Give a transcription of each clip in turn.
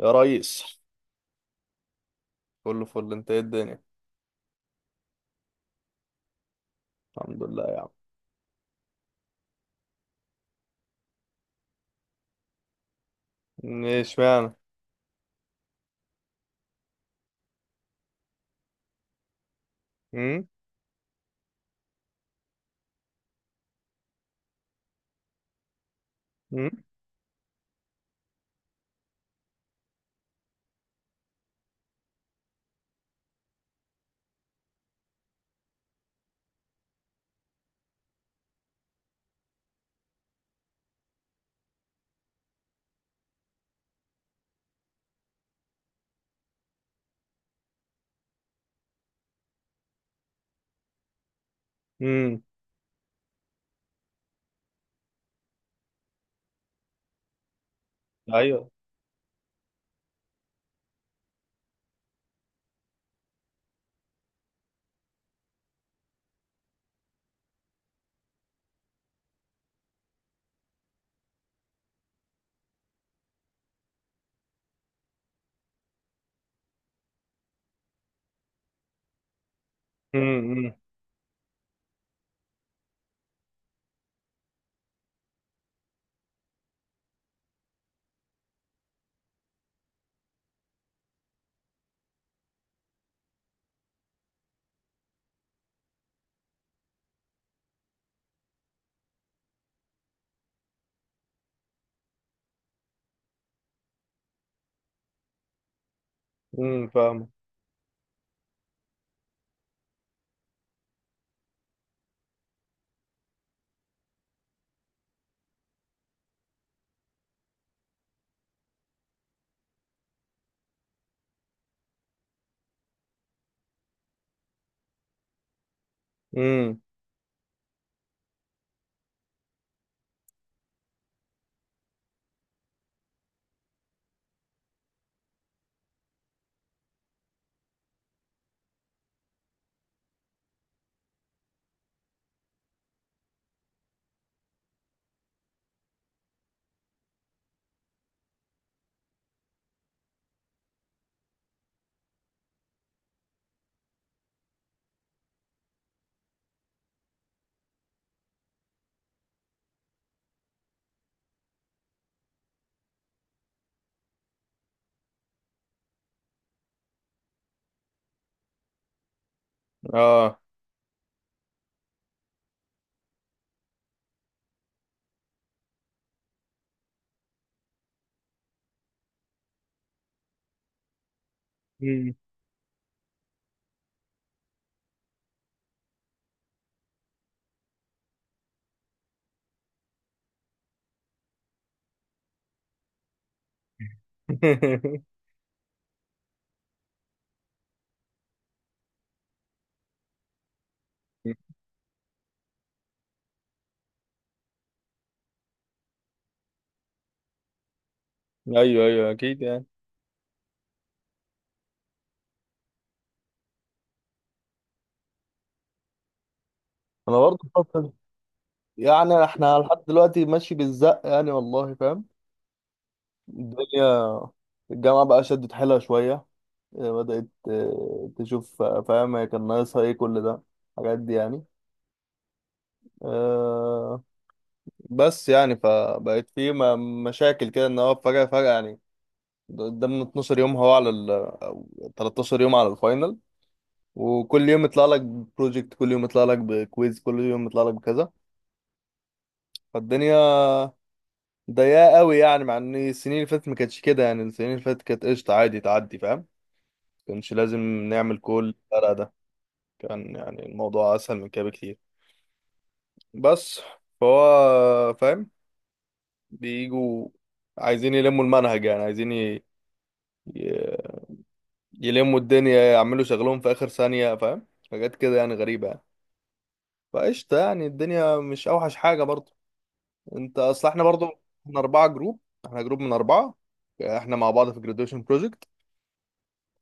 يا ريس، كله فل، انت ايه الدنيا؟ الحمد لله يا عم. ايش معنى؟ امم. امم. امم. ايوه. امم. امم. فاهم. امم. اه. مم. ايوه، ايوه، اكيد يعني. انا برضه الفترة دي- يعني احنا لحد دلوقتي ماشي بالزق يعني، والله فاهم. الدنيا. الجامعه بقى شدت حيلها شويه. بدات تشوف، فاهم، هي كان ناقصها ايه كل ده، الحاجات دي يعني. آه، بس يعني فبقت في مشاكل كده، ان هو فجأة فجأة يعني، قدامنا 12 يوم، هو على ال أو 13 يوم على الفاينل. وكل يوم يطلع لك بروجكت، كل يوم يطلع لك بكويز، كل يوم يطلع لك بكذا، فالدنيا ضيقة قوي يعني، مع ان السنين اللي فاتت ما كانتش كده، يعني السنين اللي فاتت كانت قشطة، عادي تعدي، فاهم، كانش لازم نعمل كل الفرق ده، كان يعني الموضوع اسهل من كده بكتير، بس فهو فاهم، بيجوا عايزين يلموا المنهج، يعني عايزين ي... يلموا الدنيا، يعملوا شغلهم في اخر ثانية، فاهم حاجات كده يعني غريبة يعني. فقشطة يعني، الدنيا مش اوحش حاجة برضو. انت اصل احنا برضو، احنا اربعة جروب، احنا جروب من اربعة، احنا مع بعض في جراديويشن بروجكت،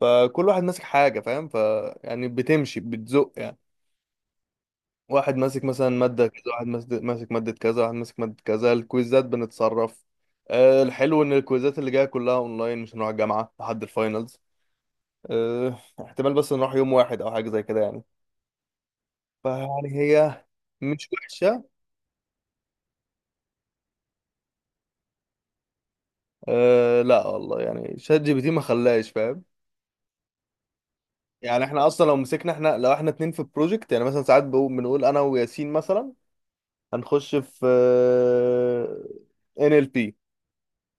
فكل واحد ماسك حاجة، فاهم، يعني بتمشي بتزق يعني، واحد ماسك مثلا مادة كذا، واحد ماسك مادة كذا، واحد ماسك مادة كذا، الكويزات بنتصرف. الحلو ان الكويزات اللي جاية كلها اونلاين، مش هنروح الجامعة لحد الفاينلز، احتمال بس نروح يوم واحد او حاجة زي كده يعني. فيعني هي مش وحشه. أه، لا والله يعني، شات جي بي تي ما خلاش فاهم. يعني احنا اصلا لو احنا اتنين في بروجكت يعني، مثلا ساعات بنقول انا وياسين مثلا، هنخش في NLP،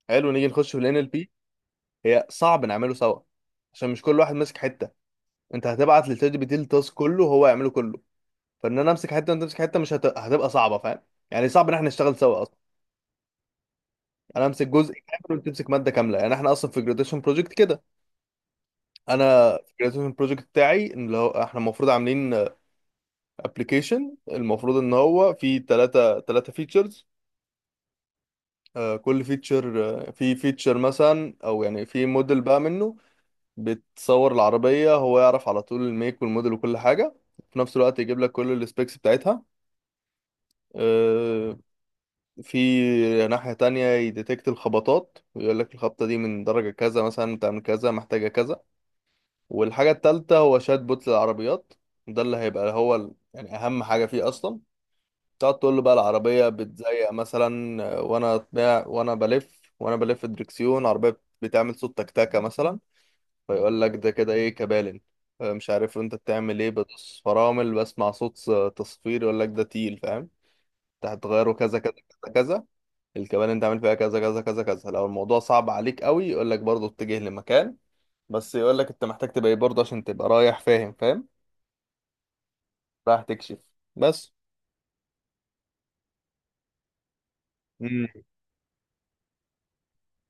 حلو نيجي نخش في الان ال بي، هي صعب نعمله سوا، عشان مش كل واحد ماسك حته، انت هتبعت للشات جي بي تي التاسك كله وهو يعمله كله، فان انا امسك حته وانت تمسك حته، مش هتبقى صعبه، فاهم. يعني صعب ان احنا نشتغل سوا اصلا، يعني انا امسك جزء كامل وانت تمسك ماده كامله، يعني احنا اصلا في جراديشن بروجكت كده. انا في الجراتيفيشن بروجكت بتاعي، ان اللي هو احنا المفروض عاملين ابلكيشن، المفروض ان هو فيه ثلاثة فيتشرز، كل فيتشر في فيتشر مثلا، او يعني في موديل بقى منه، بتصور العربية هو يعرف على طول الميك والموديل وكل حاجة، في نفس الوقت يجيب لك كل السبيكس بتاعتها. آه، في ناحية تانية يديتكت الخبطات، ويقول لك الخبطة دي من درجة كذا مثلا بتعمل كذا محتاجة كذا. والحاجة التالتة هو شات بوت للعربيات، ده اللي هيبقى هو يعني أهم حاجة فيه أصلا، تقعد تقول له بقى العربية بتزيق مثلا، وأنا بلف الدركسيون، العربية بتعمل صوت تكتكة مثلا، فيقول لك ده كده إيه، كبالن، مش عارف أنت بتعمل إيه، بدوس فرامل بسمع صوت تصفير، يقول لك ده تيل، فاهم، أنت هتغيره كذا كذا كذا كذا، الكبالن أنت عامل فيها كذا كذا كذا كذا، لو الموضوع صعب عليك قوي يقول لك برضه اتجه لمكان، بس يقول لك أنت محتاج تبقى إيه برضه عشان تبقى رايح، فاهم فاهم، راح تكشف، بس. امم.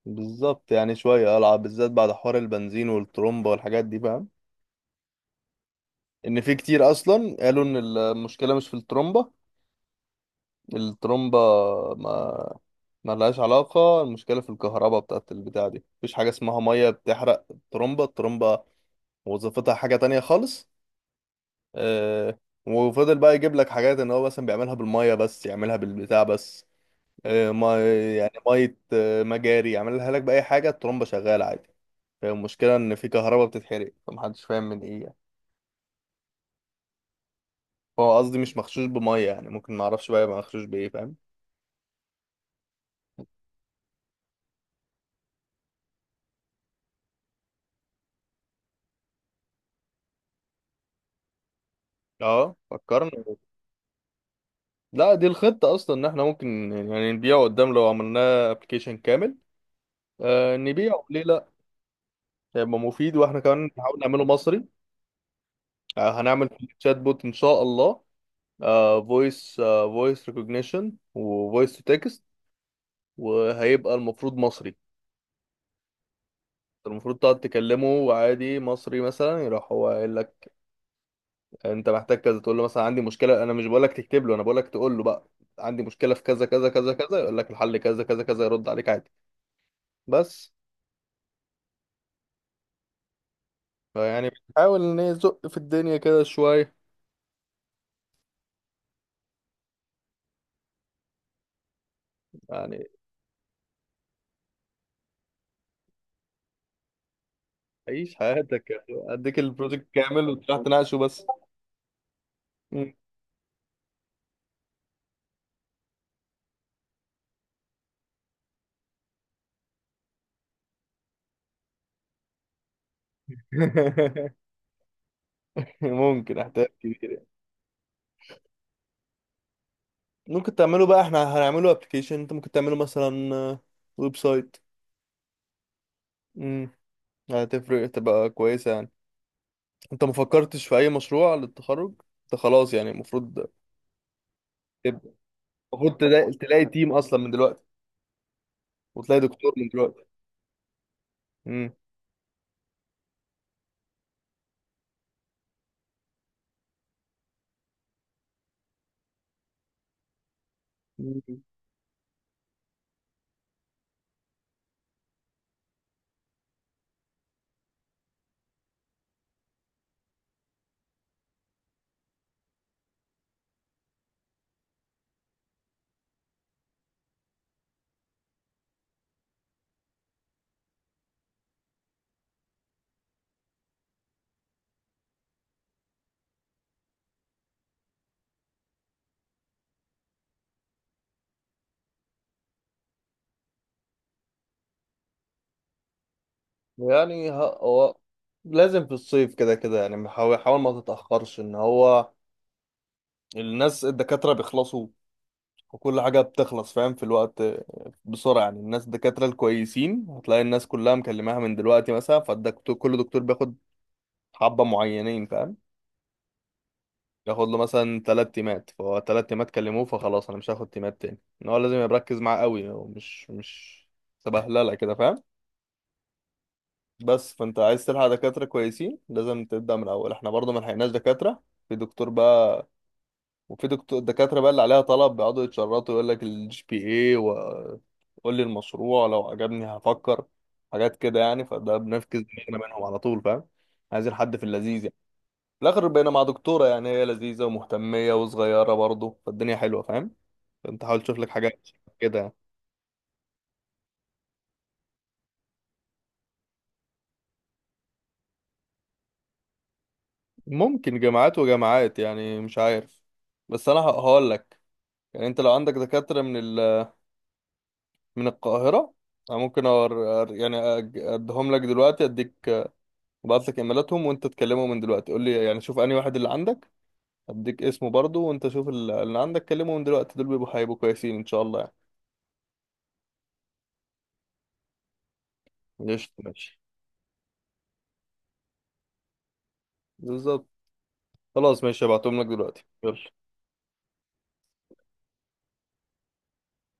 بالظبط يعني، شوية ألعب بالذات بعد حوار البنزين والترومبا والحاجات دي، فاهم، إن في كتير أصلا قالوا إن المشكلة مش في الترومبا. الترومبا ما ما لهاش علاقة، المشكلة في الكهرباء بتاعت البتاع دي، مفيش حاجة اسمها مية بتحرق الترومبا. الترومبا وظيفتها حاجة تانية خالص. آه وفضل بقى يجيب لك حاجات إن هو مثلا بيعملها بالمية، بس يعملها بالبتاع بس، ما يعني مية، مجاري يعملها لك بأي حاجة، الترومبا شغالة عادي، هي المشكلة إن في كهرباء بتتحرق، فمحدش فاهم من إيه يعني، هو قصدي مش مغشوش بمية يعني، ممكن معرفش بقى يبقى مغشوش بإيه، فاهم. اه، فكرنا. لا، دي الخطة أصلا إن إحنا ممكن يعني نبيعه قدام لو عملناه أبلكيشن كامل. نبيعه ليه لأ، هيبقى مفيد، وإحنا كمان نحاول نعمله مصري. هنعمل شات بوت إن شاء الله، فويس ريكوجنيشن وفويس تو تكست، وهيبقى المفروض مصري. المفروض تقعد تكلمه وعادي مصري مثلا، يروح هو قايل لك انت محتاج كذا، تقول له مثلا عندي مشكله، انا مش بقول لك تكتب له، انا بقول لك تقول له بقى عندي مشكله في كذا كذا كذا كذا، يقول لك الحل كذا كذا كذا، يرد عليك عادي، بس. فيعني بنحاول نزق في الدنيا كده شويه. يعني عيش حياتك يا اخي. اديك البروجكت كامل وتروح تناقشه بس. مم. ممكن احتاج كبير يعني. ممكن تعمله بقى، احنا هنعمله ابلكيشن، انت ممكن تعمله مثلا ويب سايت. امم. هتفرق تبقى كويسه يعني. انت ما فكرتش في اي مشروع للتخرج؟ انت خلاص يعني، المفروض تلاقي تيم اصلا من دلوقتي، وتلاقي دكتور من دلوقتي. امم. مم. يعني هو لازم في الصيف كده كده يعني، حاول حاول ما تتأخرش، ان هو الناس الدكاترة بيخلصوا، وكل حاجة بتخلص، فاهم، في الوقت بسرعة يعني، الناس الدكاترة الكويسين هتلاقي الناس كلها مكلماها من دلوقتي مثلا، فالدكتور كل دكتور بياخد حبة معينين، فاهم، ياخد له مثلا تلات تيمات، فهو تلات تيمات كلموه فخلاص انا مش هاخد تيمات تاني، ان هو لازم يركز معاه قوي، هو مش سبهلله كده، فاهم. بس فانت عايز تلحق دكاترة كويسين، لازم تبدأ من الأول، احنا برضه ما لحقناش دكاترة، في دكتور بقى، وفي دكتور دكاترة بقى اللي عليها طلب بيقعدوا يتشرطوا، يقول لك الجي بي اي، وقول لي المشروع لو عجبني هفكر، حاجات كده يعني، فده بنفكس دماغنا منهم على طول، فاهم، عايزين حد في اللذيذ يعني. في الآخر بقينا مع دكتورة يعني، هي لذيذة ومهتمية وصغيرة برضه، فالدنيا حلوة، فاهم، فانت حاول تشوف لك حاجات كده يعني. ممكن جامعات وجامعات يعني، مش عارف، بس انا هقول لك يعني، انت لو عندك دكاترة من القاهرة، انا ممكن أور... أر- يعني أج- اديهم لك دلوقتي اديك، ابعت لك ايميلاتهم، وانت تكلمه من دلوقتي، قول لي يعني شوف انهي واحد اللي عندك، اديك اسمه برضه، وانت شوف اللي عندك كلمه من دلوقتي، دول هيبقوا كويسين ان شاء الله. يعني قشطة، ماشي. بالظبط، خلاص، ماشي، هبعتهم لك دلوقتي، يلا.